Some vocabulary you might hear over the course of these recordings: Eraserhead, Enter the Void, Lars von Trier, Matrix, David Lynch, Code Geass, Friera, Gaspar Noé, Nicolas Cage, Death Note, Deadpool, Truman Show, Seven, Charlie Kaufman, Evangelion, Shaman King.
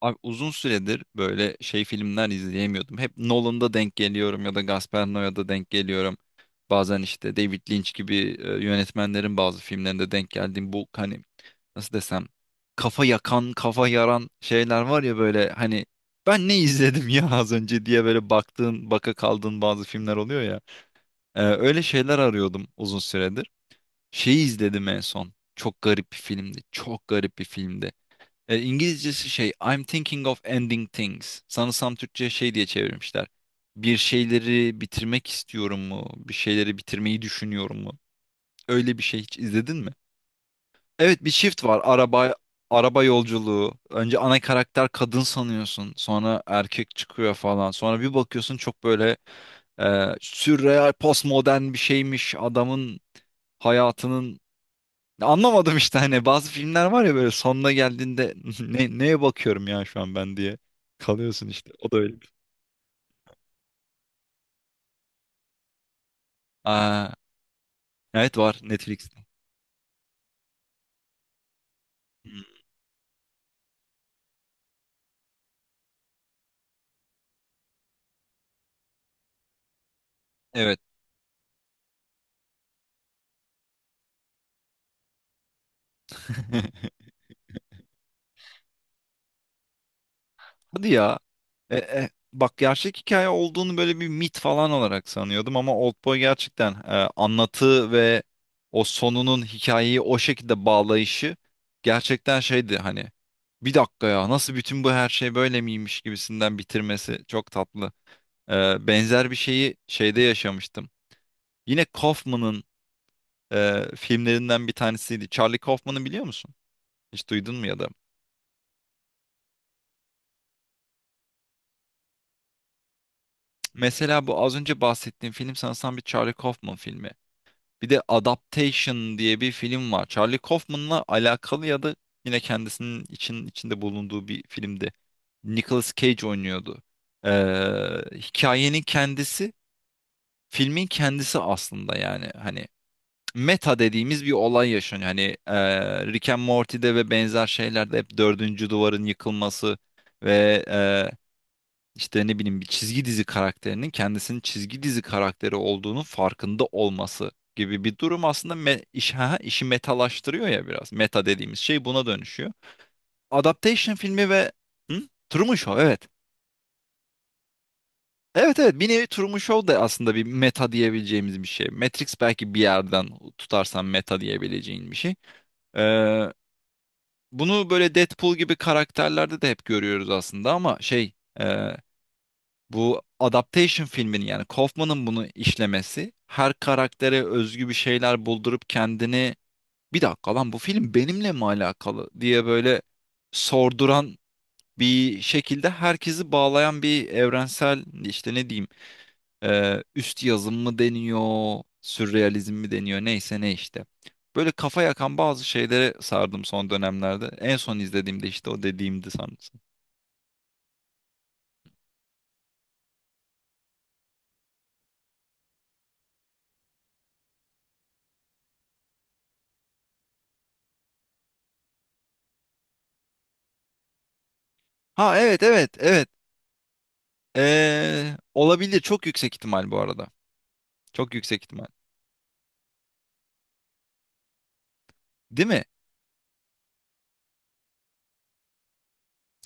Abi uzun süredir böyle filmler izleyemiyordum. Hep Nolan'da denk geliyorum ya da Gaspar Noé'da denk geliyorum. Bazen işte David Lynch gibi yönetmenlerin bazı filmlerinde denk geldiğim bu hani nasıl desem kafa yakan, kafa yaran şeyler var ya böyle hani ben ne izledim ya az önce diye böyle baktığın, baka kaldığın bazı filmler oluyor ya. Öyle şeyler arıyordum uzun süredir. Şeyi izledim en son. Çok garip bir filmdi. Çok garip bir filmdi. İngilizcesi şey I'm thinking of ending things. Sanırsam Türkçe şey diye çevirmişler. Bir şeyleri bitirmek istiyorum mu? Bir şeyleri bitirmeyi düşünüyorum mu? Öyle bir şey hiç izledin mi? Evet bir shift var. Araba yolculuğu. Önce ana karakter kadın sanıyorsun. Sonra erkek çıkıyor falan. Sonra bir bakıyorsun çok böyle sürreal postmodern bir şeymiş. Adamın hayatının anlamadım işte hani bazı filmler var ya böyle sonuna geldiğinde ne, neye bakıyorum ya şu an ben diye kalıyorsun işte. O da öyle. Aa, evet var Netflix'te. Hmm. Evet. Hadi ya. Bak gerçek hikaye olduğunu böyle bir mit falan olarak sanıyordum ama Oldboy gerçekten anlatı ve o sonunun hikayeyi o şekilde bağlayışı gerçekten şeydi hani bir dakika ya nasıl bütün bu her şey böyle miymiş gibisinden bitirmesi çok tatlı. Benzer bir şeyi şeyde yaşamıştım. Yine Kaufman'ın filmlerinden bir tanesiydi. Charlie Kaufman'ı biliyor musun? Hiç duydun mu ya da? Mesela bu az önce bahsettiğim film sanırsam bir Charlie Kaufman filmi. Bir de Adaptation diye bir film var. Charlie Kaufman'la alakalı ya da yine kendisinin için, içinde bulunduğu bir filmdi. Nicolas Cage oynuyordu. Ee, Hikayenin kendisi, filmin kendisi aslında yani. Hani meta dediğimiz bir olay yaşanıyor. Hani Rick and Morty'de ve benzer şeylerde hep dördüncü duvarın yıkılması ve işte ne bileyim bir çizgi dizi karakterinin kendisinin çizgi dizi karakteri olduğunu farkında olması gibi bir durum aslında işi metalaştırıyor ya biraz. Meta dediğimiz şey buna dönüşüyor. Adaptation filmi ve hı? Truman Show evet. Evet, evet, bir nevi Truman Show da aslında bir meta diyebileceğimiz bir şey. Matrix belki bir yerden tutarsan meta diyebileceğin bir şey. Ee, Bunu böyle Deadpool gibi karakterlerde de hep görüyoruz aslında ama e, bu adaptation filminin yani Kaufman'ın bunu işlemesi her karaktere özgü bir şeyler buldurup kendini bir dakika lan bu film benimle mi alakalı diye böyle sorduran bir şekilde herkesi bağlayan bir evrensel işte ne diyeyim üst yazım mı deniyor, sürrealizm mi deniyor, neyse ne işte. Böyle kafa yakan bazı şeylere sardım son dönemlerde. En son izlediğimde işte o dediğimdi sanırsam. Ha, evet, evet, evet. Olabilir, çok yüksek ihtimal bu arada. Çok yüksek ihtimal. Değil mi?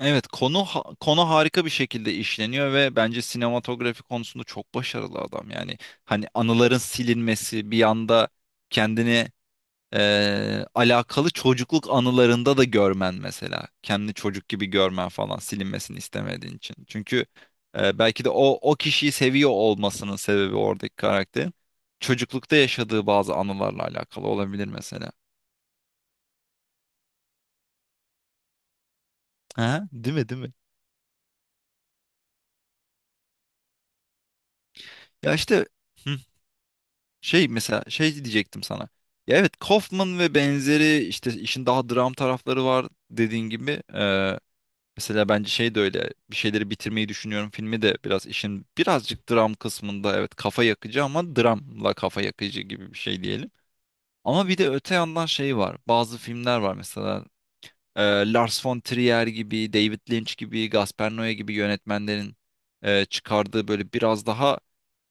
Evet konu konu harika bir şekilde işleniyor ve bence sinematografi konusunda çok başarılı adam. Yani hani anıların silinmesi bir anda kendini alakalı çocukluk anılarında da görmen mesela. Kendi çocuk gibi görmen falan silinmesini istemediğin için. Çünkü belki de o kişiyi seviyor olmasının sebebi oradaki karakterin çocuklukta yaşadığı bazı anılarla alakalı olabilir mesela. Ha, değil mi, değil mi? Ya işte hı, şey mesela şey diyecektim sana. Ya evet Kaufman ve benzeri işte işin daha dram tarafları var dediğin gibi. Mesela bence şey de öyle bir şeyleri bitirmeyi düşünüyorum filmi de biraz işin birazcık dram kısmında evet kafa yakıcı ama dramla kafa yakıcı gibi bir şey diyelim. Ama bir de öte yandan şey var bazı filmler var mesela e, Lars von Trier gibi David Lynch gibi Gaspar Noé gibi yönetmenlerin çıkardığı böyle biraz daha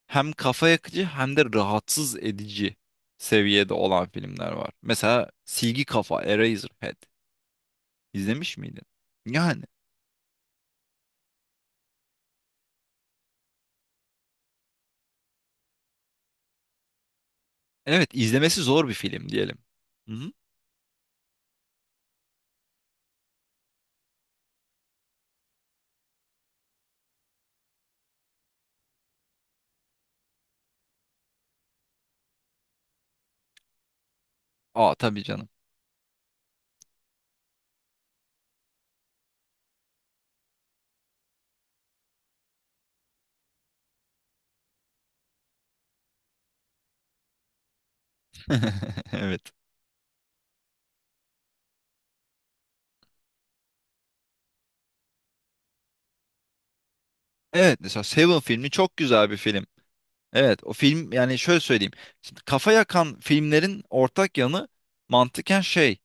hem kafa yakıcı hem de rahatsız edici seviyede olan filmler var. Mesela Silgi Kafa Eraserhead İzlemiş miydin? Yani evet, izlemesi zor bir film diyelim. Hı hı. Aa tabii canım. Evet. Evet mesela Seven filmi çok güzel bir film. Evet o film yani şöyle söyleyeyim. Şimdi kafa yakan filmlerin ortak yanı mantıken şey,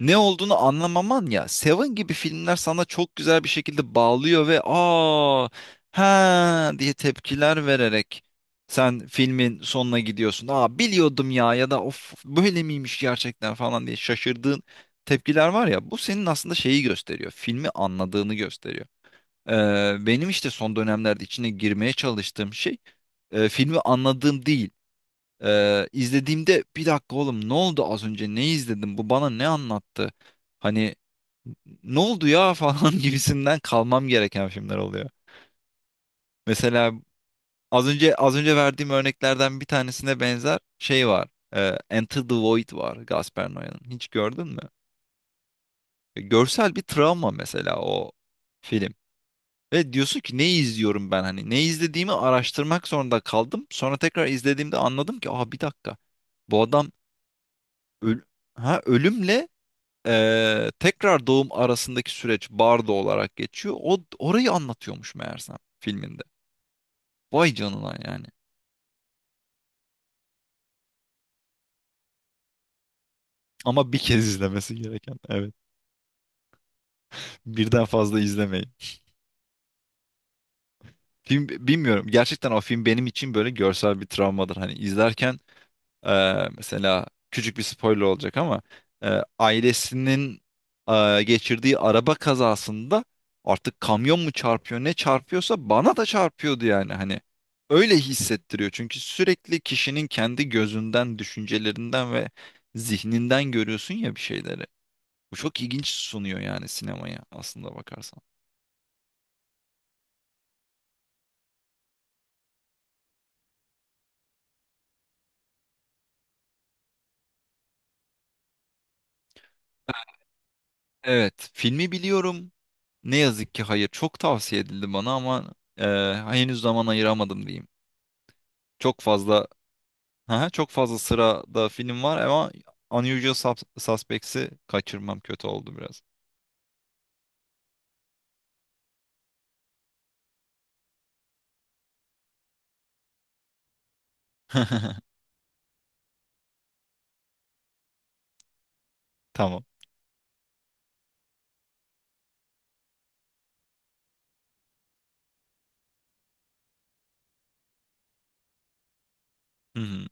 ne olduğunu anlamaman ya. Seven gibi filmler sana çok güzel bir şekilde bağlıyor ve aa ha diye tepkiler vererek sen filmin sonuna gidiyorsun. Aa biliyordum ya ya da of böyle miymiş gerçekten falan diye şaşırdığın tepkiler var ya. Bu senin aslında şeyi gösteriyor. Filmi anladığını gösteriyor. Benim işte son dönemlerde içine girmeye çalıştığım şey filmi anladığım değil. İzlediğimde bir dakika oğlum ne oldu az önce ne izledim bu bana ne anlattı? Hani ne oldu ya falan gibisinden kalmam gereken filmler oluyor. Mesela az önce verdiğim örneklerden bir tanesine benzer şey var. Enter the Void var Gaspar Noé'nin. Hiç gördün mü? E, görsel bir travma mesela o film. Ve diyorsun ki ne izliyorum ben hani ne izlediğimi araştırmak zorunda kaldım. Sonra tekrar izlediğimde anladım ki aha bir dakika bu adam öl ha ölümle tekrar doğum arasındaki süreç bardo olarak geçiyor. O orayı anlatıyormuş meğersem filminde. Vay canına yani. Ama bir kez izlemesi gereken. Evet. Birden fazla izlemeyin. Film bilmiyorum. Gerçekten o film benim için böyle görsel bir travmadır. Hani izlerken mesela küçük bir spoiler olacak ama ailesinin geçirdiği araba kazasında artık kamyon mu çarpıyor ne çarpıyorsa bana da çarpıyordu yani hani öyle hissettiriyor çünkü sürekli kişinin kendi gözünden düşüncelerinden ve zihninden görüyorsun ya bir şeyleri, bu çok ilginç sunuyor yani sinemaya aslında bakarsan evet filmi biliyorum ne yazık ki hayır çok tavsiye edildi bana ama e, henüz zaman ayıramadım diyeyim çok fazla aha, çok fazla sırada film var ama Suspects'i kaçırmam kötü oldu biraz. Tamam. Hı hı.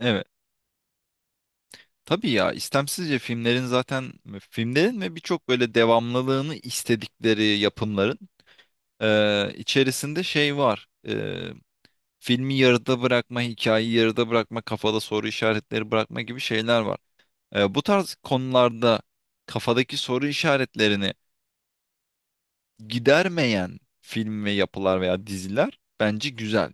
Evet. Tabii ya istemsizce filmlerin ve birçok böyle devamlılığını istedikleri yapımların içerisinde şey var. E, filmi yarıda bırakma, hikayeyi yarıda bırakma, kafada soru işaretleri bırakma gibi şeyler var. Bu tarz konularda kafadaki soru işaretlerini gidermeyen film ve yapılar veya diziler bence güzel.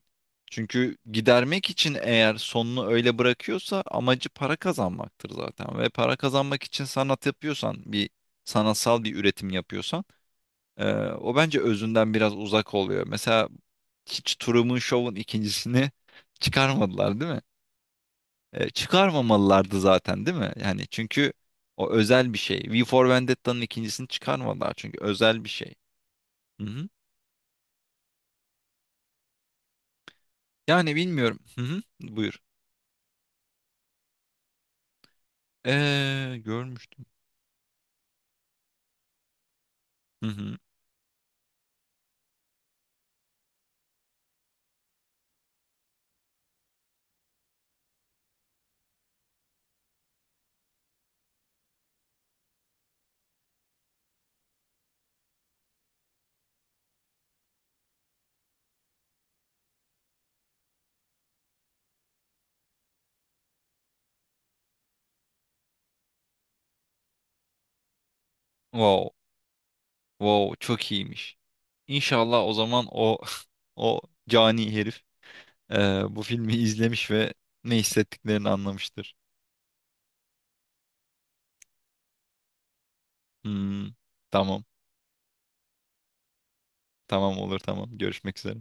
Çünkü gidermek için eğer sonunu öyle bırakıyorsa amacı para kazanmaktır zaten. Ve para kazanmak için sanat yapıyorsan, sanatsal bir üretim yapıyorsan, e, o bence özünden biraz uzak oluyor. Mesela hiç Truman Show'un ikincisini çıkarmadılar değil mi? E, çıkarmamalılardı zaten değil mi? Yani çünkü o özel bir şey. V for Vendetta'nın ikincisini çıkarmadılar çünkü özel bir şey. Hı hı. Yani bilmiyorum. Hı hı. Buyur. Görmüştüm. Hı hı. Wow. Wow. Çok iyiymiş. İnşallah o zaman o o cani herif bu filmi izlemiş ve ne hissettiklerini anlamıştır. Hmm. Tamam. Tamam olur tamam. Görüşmek üzere.